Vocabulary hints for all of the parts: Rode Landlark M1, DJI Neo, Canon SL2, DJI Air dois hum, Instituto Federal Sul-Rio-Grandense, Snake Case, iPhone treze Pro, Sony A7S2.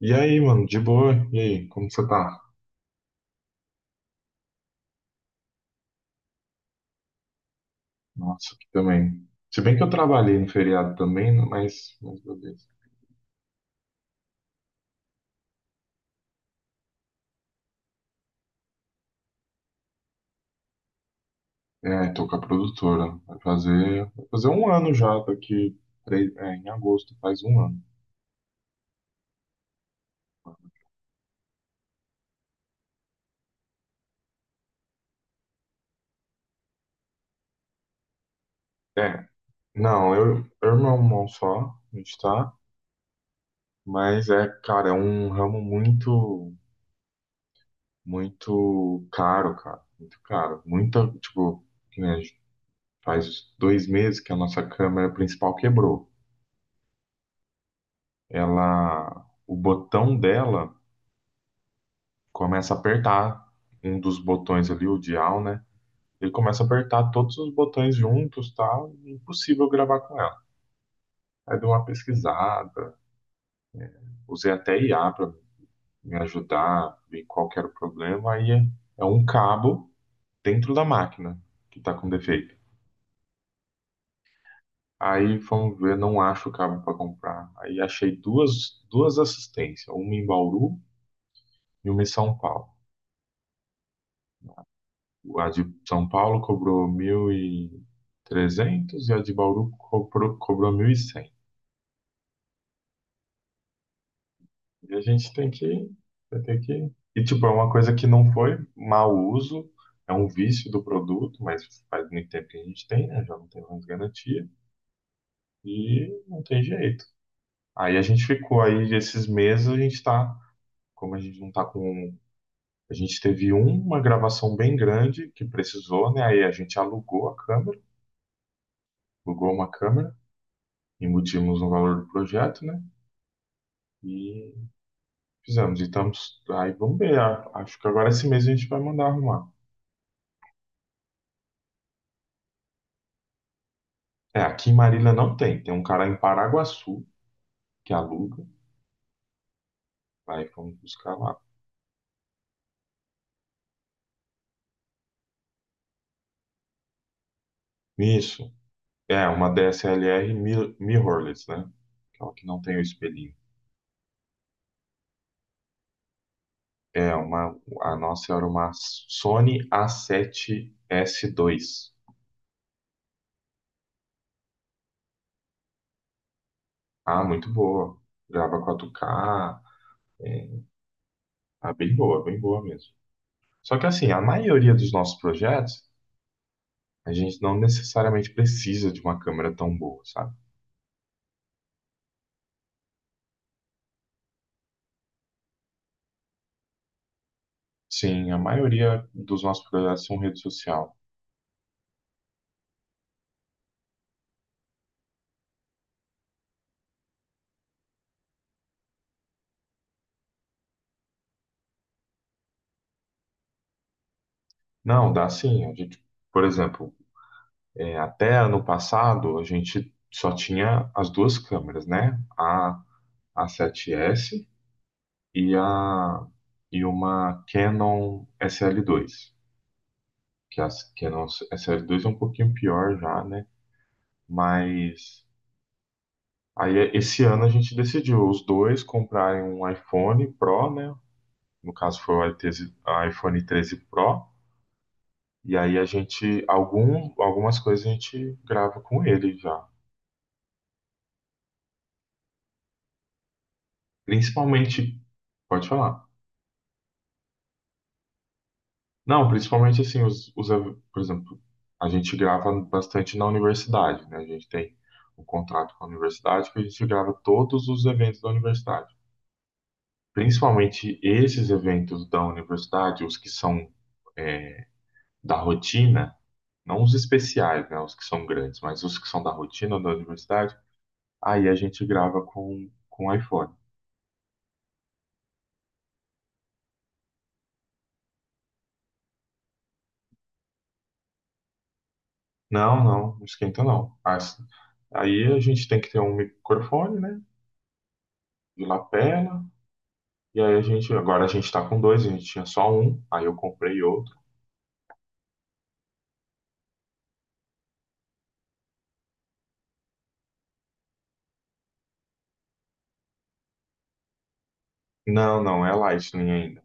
E aí, mano, de boa? E aí, como você tá? Nossa, aqui também. Se bem que eu trabalhei no feriado também, né, mas beleza. É, tô com a produtora. Vai fazer um ano já, daqui três, é, em agosto faz um ano. É, não, eu e meu irmão só, a gente tá, mas é, cara, é um ramo muito, muito caro, cara, muito caro. Muita, tipo, que nem a gente faz dois meses que a nossa câmera principal quebrou. Ela, o botão dela começa a apertar um dos botões ali, o dial, né? Ele começa a apertar todos os botões juntos, tal, e impossível gravar com ela. Aí dei uma pesquisada, usei até IA para me ajudar, ver qual que era o problema. Aí é, é um cabo dentro da máquina que está com defeito. Aí fomos ver, não acho o cabo para comprar. Aí achei duas assistências, uma em Bauru e uma em São Paulo. A de São Paulo cobrou mil e trezentos e a de Bauru cobrou, cobrou 1.100. E a gente tem que, vai ter que. E, tipo, é uma coisa que não foi mau uso, é um vício do produto, mas faz muito tempo que a gente tem, né? Já não tem mais garantia. E não tem jeito. Aí a gente ficou aí, esses meses a gente tá. Como a gente não tá com. A gente teve uma gravação bem grande que precisou, né? Aí a gente alugou a câmera, alugou uma câmera. Emitimos o valor do projeto, né? E fizemos. E estamos. Aí vamos ver. Acho que agora esse mês a gente vai mandar arrumar. É, aqui em Marília não tem. Tem um cara em Paraguaçu que aluga. Aí vamos buscar lá. Isso. É, uma DSLR mirrorless, né? Aquela que não tem o espelhinho. É, uma, a nossa era uma Sony A7S2. Ah, muito boa. Grava 4K. É, bem boa mesmo. Só que assim, a maioria dos nossos projetos a gente não necessariamente precisa de uma câmera tão boa, sabe? Sim, a maioria dos nossos projetos são rede social. Não, dá sim. A gente, por exemplo, é, até ano passado a gente só tinha as duas câmeras, né? A A7S e a e uma Canon SL2. Que a Canon SL2 é um pouquinho pior já, né? Mas aí esse ano a gente decidiu os dois comprarem um iPhone Pro, né? No caso foi o iTese a iPhone treze Pro, e aí a gente, algum, algumas coisas a gente grava com ele já. Principalmente, pode falar. Não, principalmente assim, por exemplo, a gente grava bastante na universidade, né? A gente tem um contrato com a universidade que a gente grava todos os eventos da universidade. Principalmente esses eventos da universidade, os que são é, da rotina, não os especiais, né? Os que são grandes, mas os que são da rotina da universidade. Aí a gente grava com o iPhone. Não, não esquenta não. Aí a gente tem que ter um microfone, né? De lapela. E aí a gente, agora a gente tá com dois, a gente tinha só um, aí eu comprei outro. Não, não, é Lightning ainda.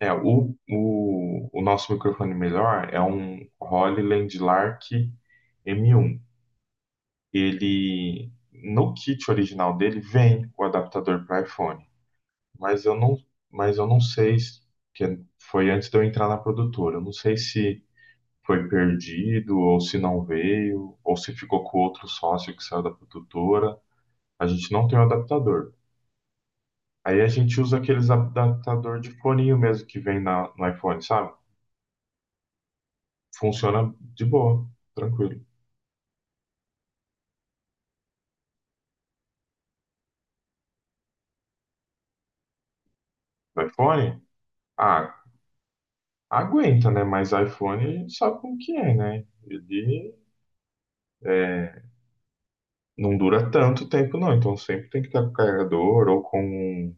É, o nosso microfone melhor é um Rode Landlark M1. Ele, no kit original dele, vem o adaptador para iPhone. mas eu não, mas eu não sei se que foi antes de eu entrar na produtora. Eu não sei se foi perdido ou se não veio ou se ficou com outro sócio que saiu da produtora. A gente não tem o adaptador. Aí a gente usa aqueles adaptador de foninho mesmo que vem na, no iPhone, sabe? Funciona de boa, tranquilo. O iPhone, ah, aguenta, né? Mas iPhone a gente sabe como que é, né? Ele é, não dura tanto tempo, não. Então sempre tem que estar com o carregador ou com um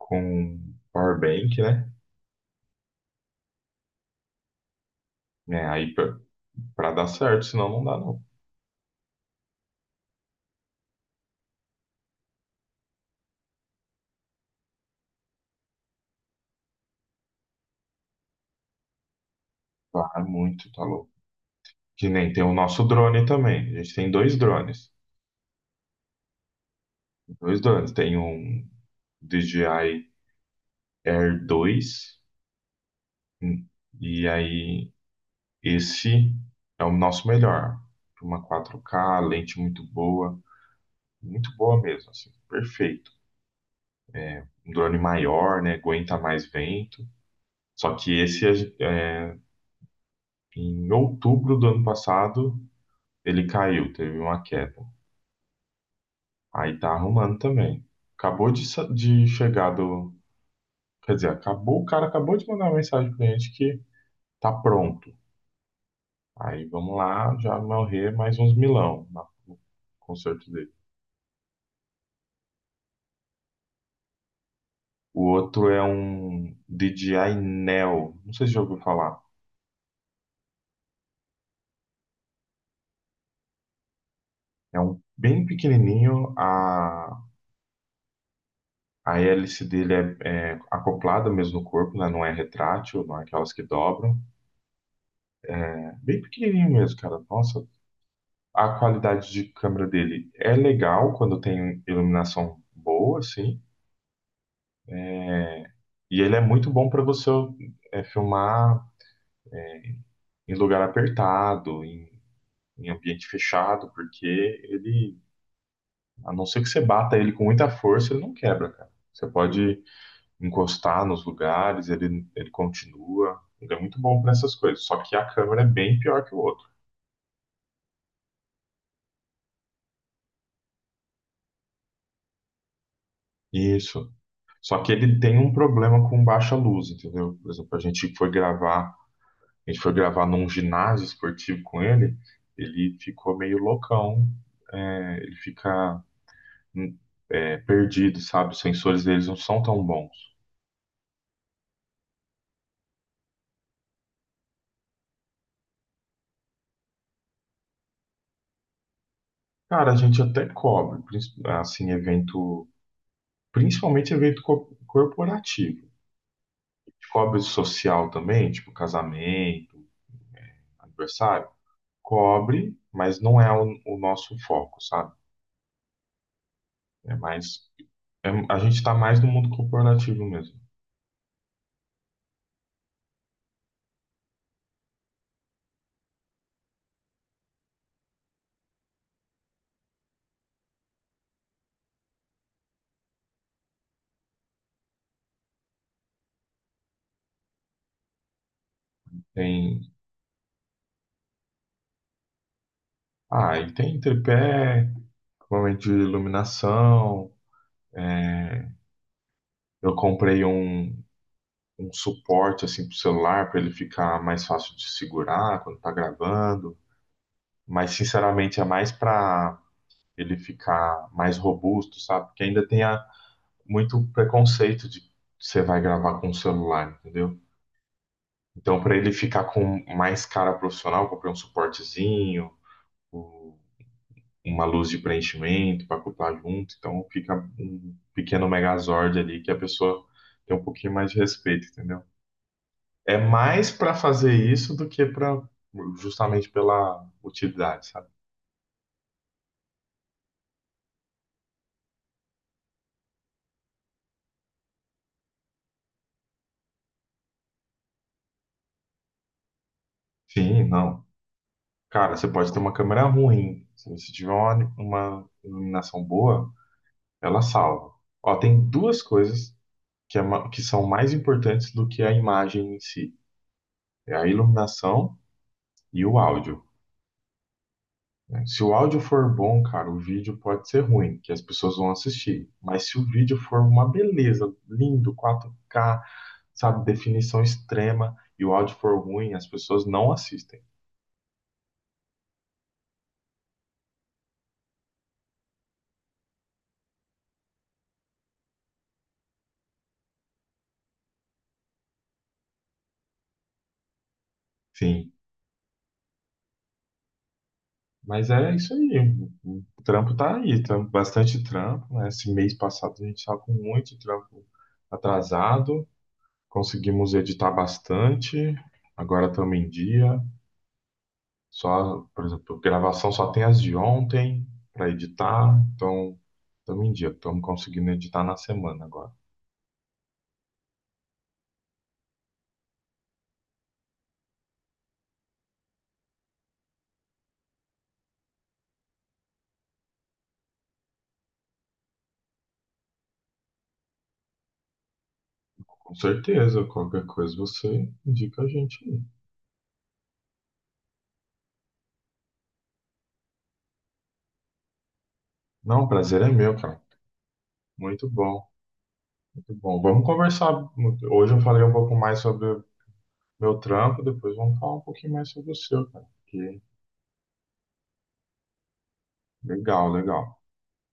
com power bank, né? Né, pra dar certo, senão não dá não. Vai muito, tá louco. Que nem tem o nosso drone também. A gente tem dois drones. Dois drones. Tem um DJI Air dois. hum, E aí, esse é o nosso melhor. Uma 4K, lente muito boa. Muito boa mesmo, assim. Perfeito. Um drone maior, né? Aguenta mais vento. Só que esse, é, em outubro do ano passado, ele caiu, teve uma queda. Aí tá arrumando também. Acabou de, sa- de chegar do. Quer dizer, acabou, o cara acabou de mandar uma mensagem pro cliente que tá pronto. Aí vamos lá, já morrer mais uns milão no concerto dele. O outro é um DJI Neo, não sei se já ouviu falar. É um bem pequenininho, a hélice dele é acoplada mesmo no corpo, né? Não é retrátil, não é aquelas que dobram. É bem pequenininho mesmo, cara. Nossa, a qualidade de câmera dele é legal quando tem iluminação boa, assim. E ele é muito bom para você filmar em lugar apertado, em ambiente fechado, porque ele, a não ser que você bata ele com muita força, ele não quebra, cara. Você pode encostar nos lugares, ele continua. Ele é muito bom para essas coisas. Só que a câmera é bem pior que o outro. Isso. Só que ele tem um problema com baixa luz, entendeu? Por exemplo, a gente foi gravar num ginásio esportivo com ele, ele ficou meio loucão, é, ele fica hum, é, perdido, sabe? Os sensores deles não são tão bons. Cara, a gente até cobre, assim, principalmente evento corporativo. A gente cobre social também, tipo casamento, aniversário. Cobre, mas não é o nosso foco, sabe? É mais, a gente tá mais no mundo corporativo mesmo. Tem, ah, e tem tripé, equipamento de iluminação. É, eu comprei um suporte assim pro celular para ele ficar mais fácil de segurar quando tá gravando, mas sinceramente é mais para ele ficar mais robusto, sabe? Porque ainda muito preconceito de que você vai gravar com o celular, entendeu? Então para ele ficar com mais cara profissional, eu comprei um suportezinho, uma luz de preenchimento para acoplar junto, então fica um pequeno megazord ali que a pessoa tem um pouquinho mais de respeito, entendeu? É mais para fazer isso do que para justamente pela utilidade, sabe? Sim, não. Cara, você pode ter uma câmera ruim, se você tiver uma iluminação boa, ela salva. Ó, tem duas coisas que, que são mais importantes do que a imagem em si, é a iluminação e o áudio. Né? Se o áudio for bom, cara, o vídeo pode ser ruim, que as pessoas vão assistir. Mas se o vídeo for uma beleza, lindo, 4K, sabe, definição extrema, e o áudio for ruim, as pessoas não assistem. Sim. Mas é isso aí. O trampo tá aí, tá bastante trampo, né? Esse mês passado a gente estava com muito trampo atrasado, conseguimos editar bastante, agora estamos em dia. Só, por exemplo, gravação só tem as de ontem para editar, então estamos em dia, estamos conseguindo editar na semana agora. Com certeza, qualquer coisa você indica a gente aí. Não, o prazer é meu, cara. Muito bom, muito bom. Vamos conversar. Hoje eu falei um pouco mais sobre meu trampo, depois vamos falar um pouquinho mais sobre o seu, cara. Que legal, legal.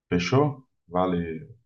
Fechou? Valeu.